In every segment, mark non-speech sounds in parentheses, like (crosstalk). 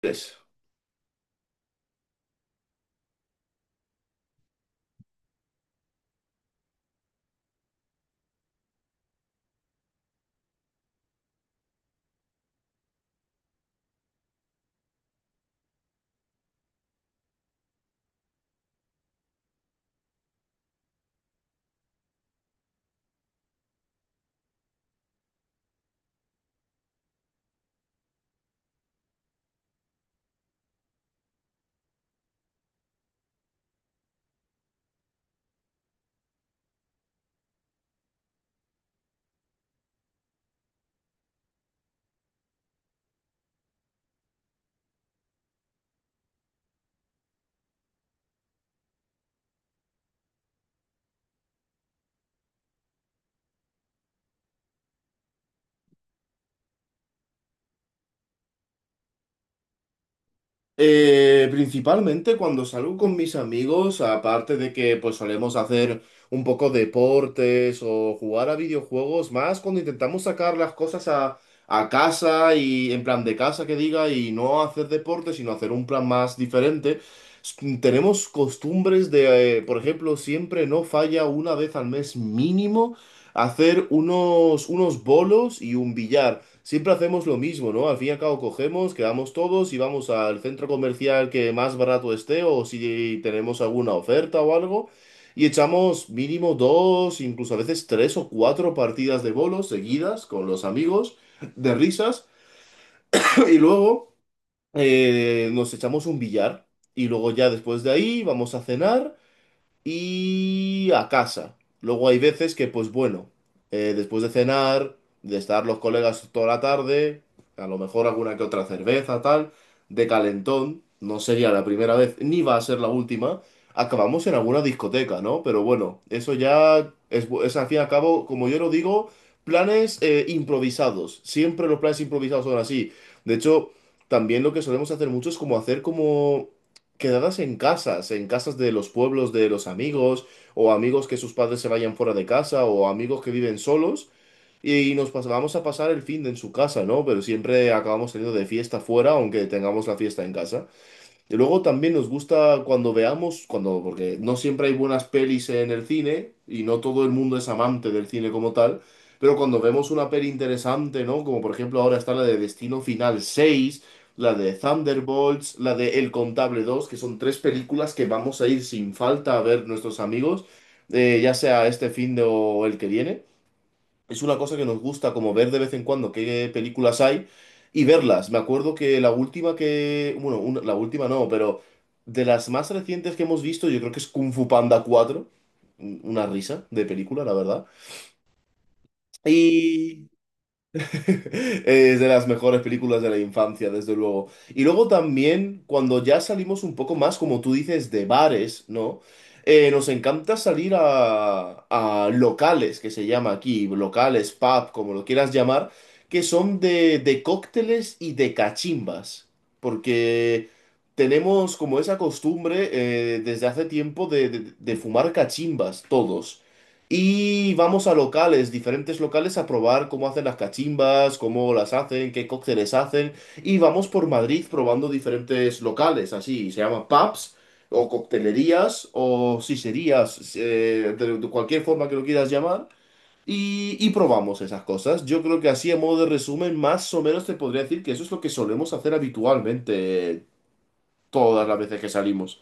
Pues, Principalmente cuando salgo con mis amigos, aparte de que pues solemos hacer un poco deportes o jugar a videojuegos, más cuando intentamos sacar las cosas a casa y en plan de casa que diga y no hacer deporte, sino hacer un plan más diferente, tenemos costumbres de, por ejemplo, siempre no falla una vez al mes mínimo hacer unos bolos y un billar. Siempre hacemos lo mismo, ¿no? Al fin y al cabo cogemos, quedamos todos y vamos al centro comercial que más barato esté o si tenemos alguna oferta o algo y echamos mínimo dos, incluso a veces tres o cuatro partidas de bolos seguidas con los amigos de risas (laughs) y luego nos echamos un billar y luego ya después de ahí vamos a cenar y a casa. Luego hay veces que, pues bueno, después de cenar, de estar los colegas toda la tarde, a lo mejor alguna que otra cerveza, tal, de calentón, no sería la primera vez, ni va a ser la última, acabamos en alguna discoteca, ¿no? Pero bueno, eso ya es, es al fin y al cabo, como yo lo digo, planes improvisados. Siempre los planes improvisados son así. De hecho, también lo que solemos hacer mucho es como hacer como quedadas en casas de los pueblos de los amigos, o amigos que sus padres se vayan fuera de casa, o amigos que viven solos, y vamos a pasar el fin de en su casa, ¿no? Pero siempre acabamos teniendo de fiesta fuera, aunque tengamos la fiesta en casa. Y luego también nos gusta cuando veamos, cuando, porque no siempre hay buenas pelis en el cine, y no todo el mundo es amante del cine como tal, pero cuando vemos una peli interesante, ¿no? Como por ejemplo ahora está la de Destino Final seis, la de Thunderbolts, la de El Contable dos, que son tres películas que vamos a ir sin falta a ver nuestros amigos, ya sea este fin de o el que viene. Es una cosa que nos gusta como ver de vez en cuando qué películas hay y verlas. Me acuerdo que la última que, bueno, la última no, pero de las más recientes que hemos visto, yo creo que es Kung Fu Panda cuatro. Una risa de película, la verdad. Y (laughs) es de las mejores películas de la infancia, desde luego. Y luego también, cuando ya salimos un poco más, como tú dices, de bares, ¿no? Nos encanta salir a locales, que se llama aquí, locales, pub, como lo quieras llamar, que son de cócteles y de cachimbas. Porque tenemos como esa costumbre desde hace tiempo de, de fumar cachimbas, todos. Y vamos a locales, diferentes locales, a probar cómo hacen las cachimbas, cómo las hacen, qué cócteles hacen. Y vamos por Madrid probando diferentes locales, así, se llaman pubs, o coctelerías, o siserías, de cualquier forma que lo quieras llamar. Y probamos esas cosas. Yo creo que así, a modo de resumen, más o menos te podría decir que eso es lo que solemos hacer habitualmente todas las veces que salimos.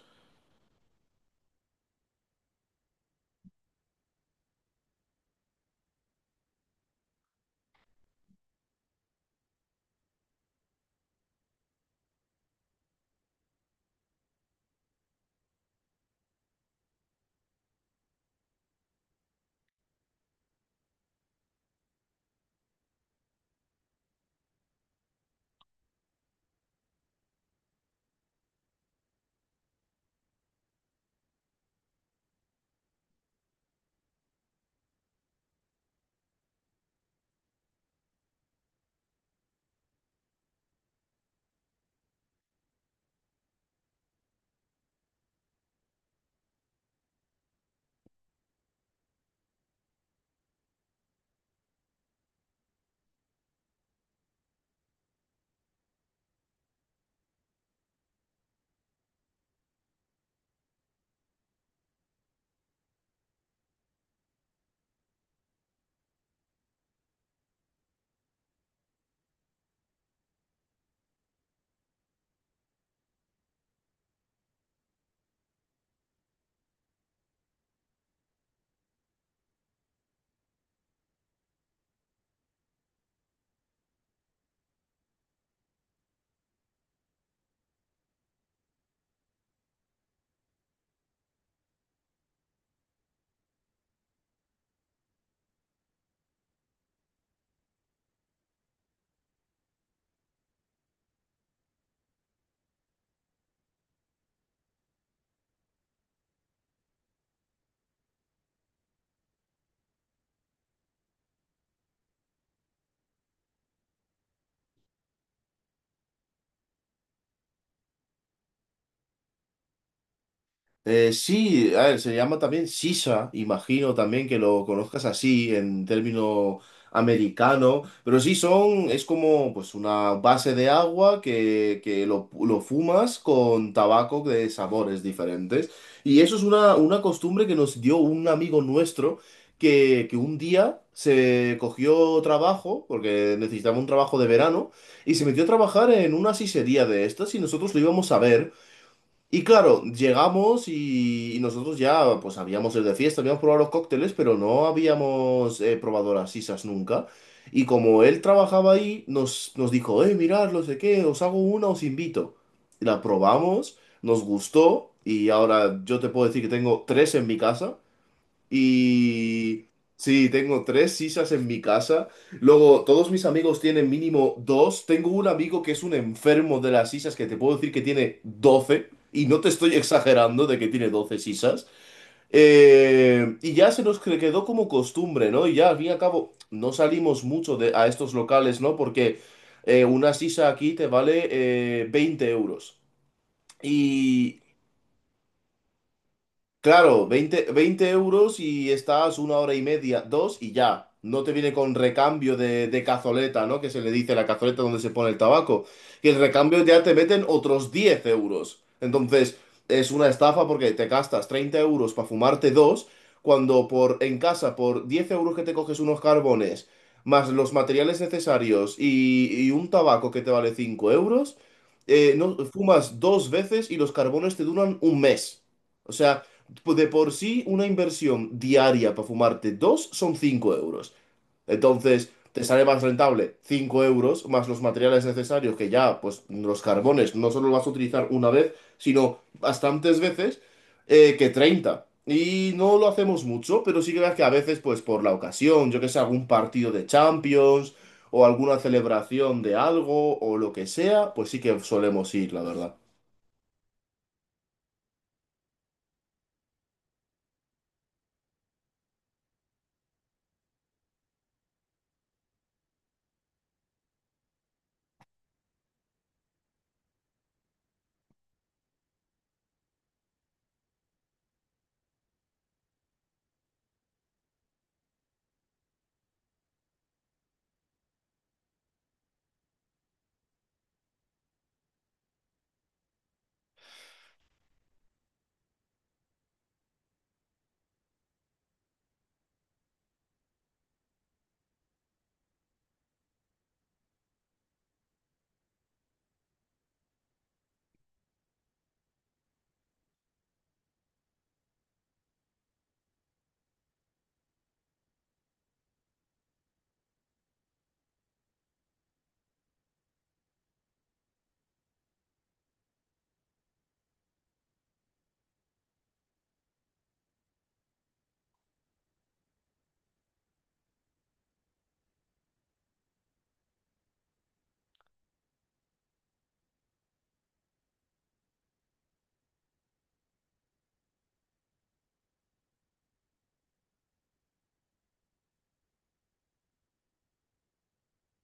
Sí, a ver, se llama también Sisa, imagino también que lo conozcas así en término americano, pero sí son, es como pues una base de agua que lo fumas con tabaco de sabores diferentes. Y eso es una costumbre que nos dio un amigo nuestro que un día se cogió trabajo, porque necesitaba un trabajo de verano, y se metió a trabajar en una sisería de estas y nosotros lo íbamos a ver. Y claro, llegamos y nosotros ya pues habíamos ido de fiesta, habíamos probado los cócteles, pero no habíamos probado las sisas nunca. Y como él trabajaba ahí, nos dijo, mirad, no sé qué, os hago una, os invito. Y la probamos, nos gustó y ahora yo te puedo decir que tengo tres en mi casa. Y sí, tengo tres sisas en mi casa. Luego, todos mis amigos tienen mínimo dos. Tengo un amigo que es un enfermo de las sisas que te puedo decir que tiene 12. Y no te estoy exagerando de que tiene 12 sisas. Y ya se nos quedó como costumbre, ¿no? Y ya al fin y al cabo no salimos mucho de, a estos locales, ¿no? Porque una sisa aquí te vale 20 euros. Claro, 20 20 euros y estás una hora y media, dos y ya. No te viene con recambio de cazoleta, ¿no? Que se le dice la cazoleta donde se pone el tabaco. Y el recambio ya te meten otros 10 euros. Entonces, es una estafa porque te gastas 30 euros para fumarte dos, cuando por, en casa por 10 euros que te coges unos carbones, más los materiales necesarios y un tabaco que te vale 5 euros, no, fumas dos veces y los carbones te duran un mes. O sea, de por sí una inversión diaria para fumarte dos son 5 euros. Entonces, te sale más rentable 5 euros más los materiales necesarios, que ya, pues los carbones no solo los vas a utilizar una vez, sino bastantes veces, que 30. Y no lo hacemos mucho, pero sí que ves que a veces, pues por la ocasión, yo que sé, algún partido de Champions o alguna celebración de algo o lo que sea, pues sí que solemos ir, la verdad.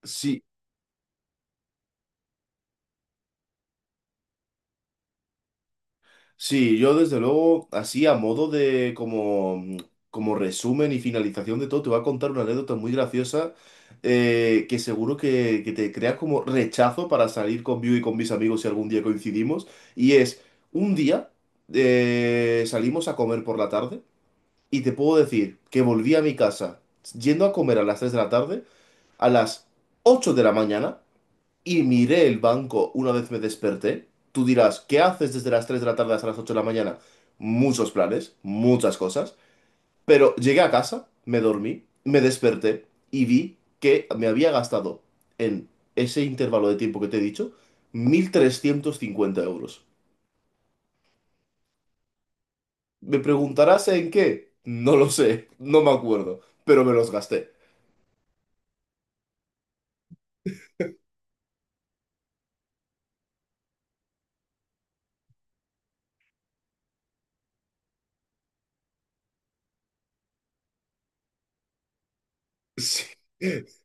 Sí, sí, yo desde luego, así a modo de como, como resumen y finalización de todo, te voy a contar una anécdota muy graciosa que, seguro que te crea como rechazo para salir conmigo y con mis amigos si algún día coincidimos. Y es, un día salimos a comer por la tarde y te puedo decir que volví a mi casa yendo a comer a las 3 de la tarde, a las 8 de la mañana y miré el banco una vez me desperté. Tú dirás, ¿qué haces desde las 3 de la tarde hasta las 8 de la mañana? Muchos planes, muchas cosas. Pero llegué a casa, me dormí, me desperté y vi que me había gastado en ese intervalo de tiempo que te he dicho 1.350 euros. ¿Me preguntarás en qué? No lo sé, no me acuerdo, pero me los gasté. (laughs) Sí.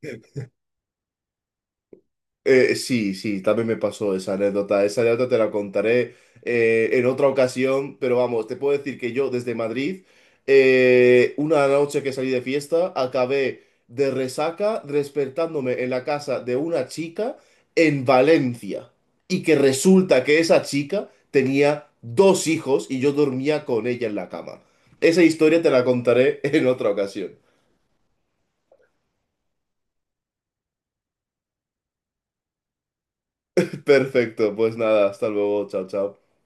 Sí, sí, también me pasó esa anécdota. Esa anécdota te la contaré en otra ocasión, pero vamos, te puedo decir que yo desde Madrid, una noche que salí de fiesta, acabé de resaca despertándome en la casa de una chica en Valencia. Y que resulta que esa chica tenía dos hijos y yo dormía con ella en la cama. Esa historia te la contaré (laughs) en otra ocasión. (laughs) Perfecto, pues nada, hasta luego, chao, chao.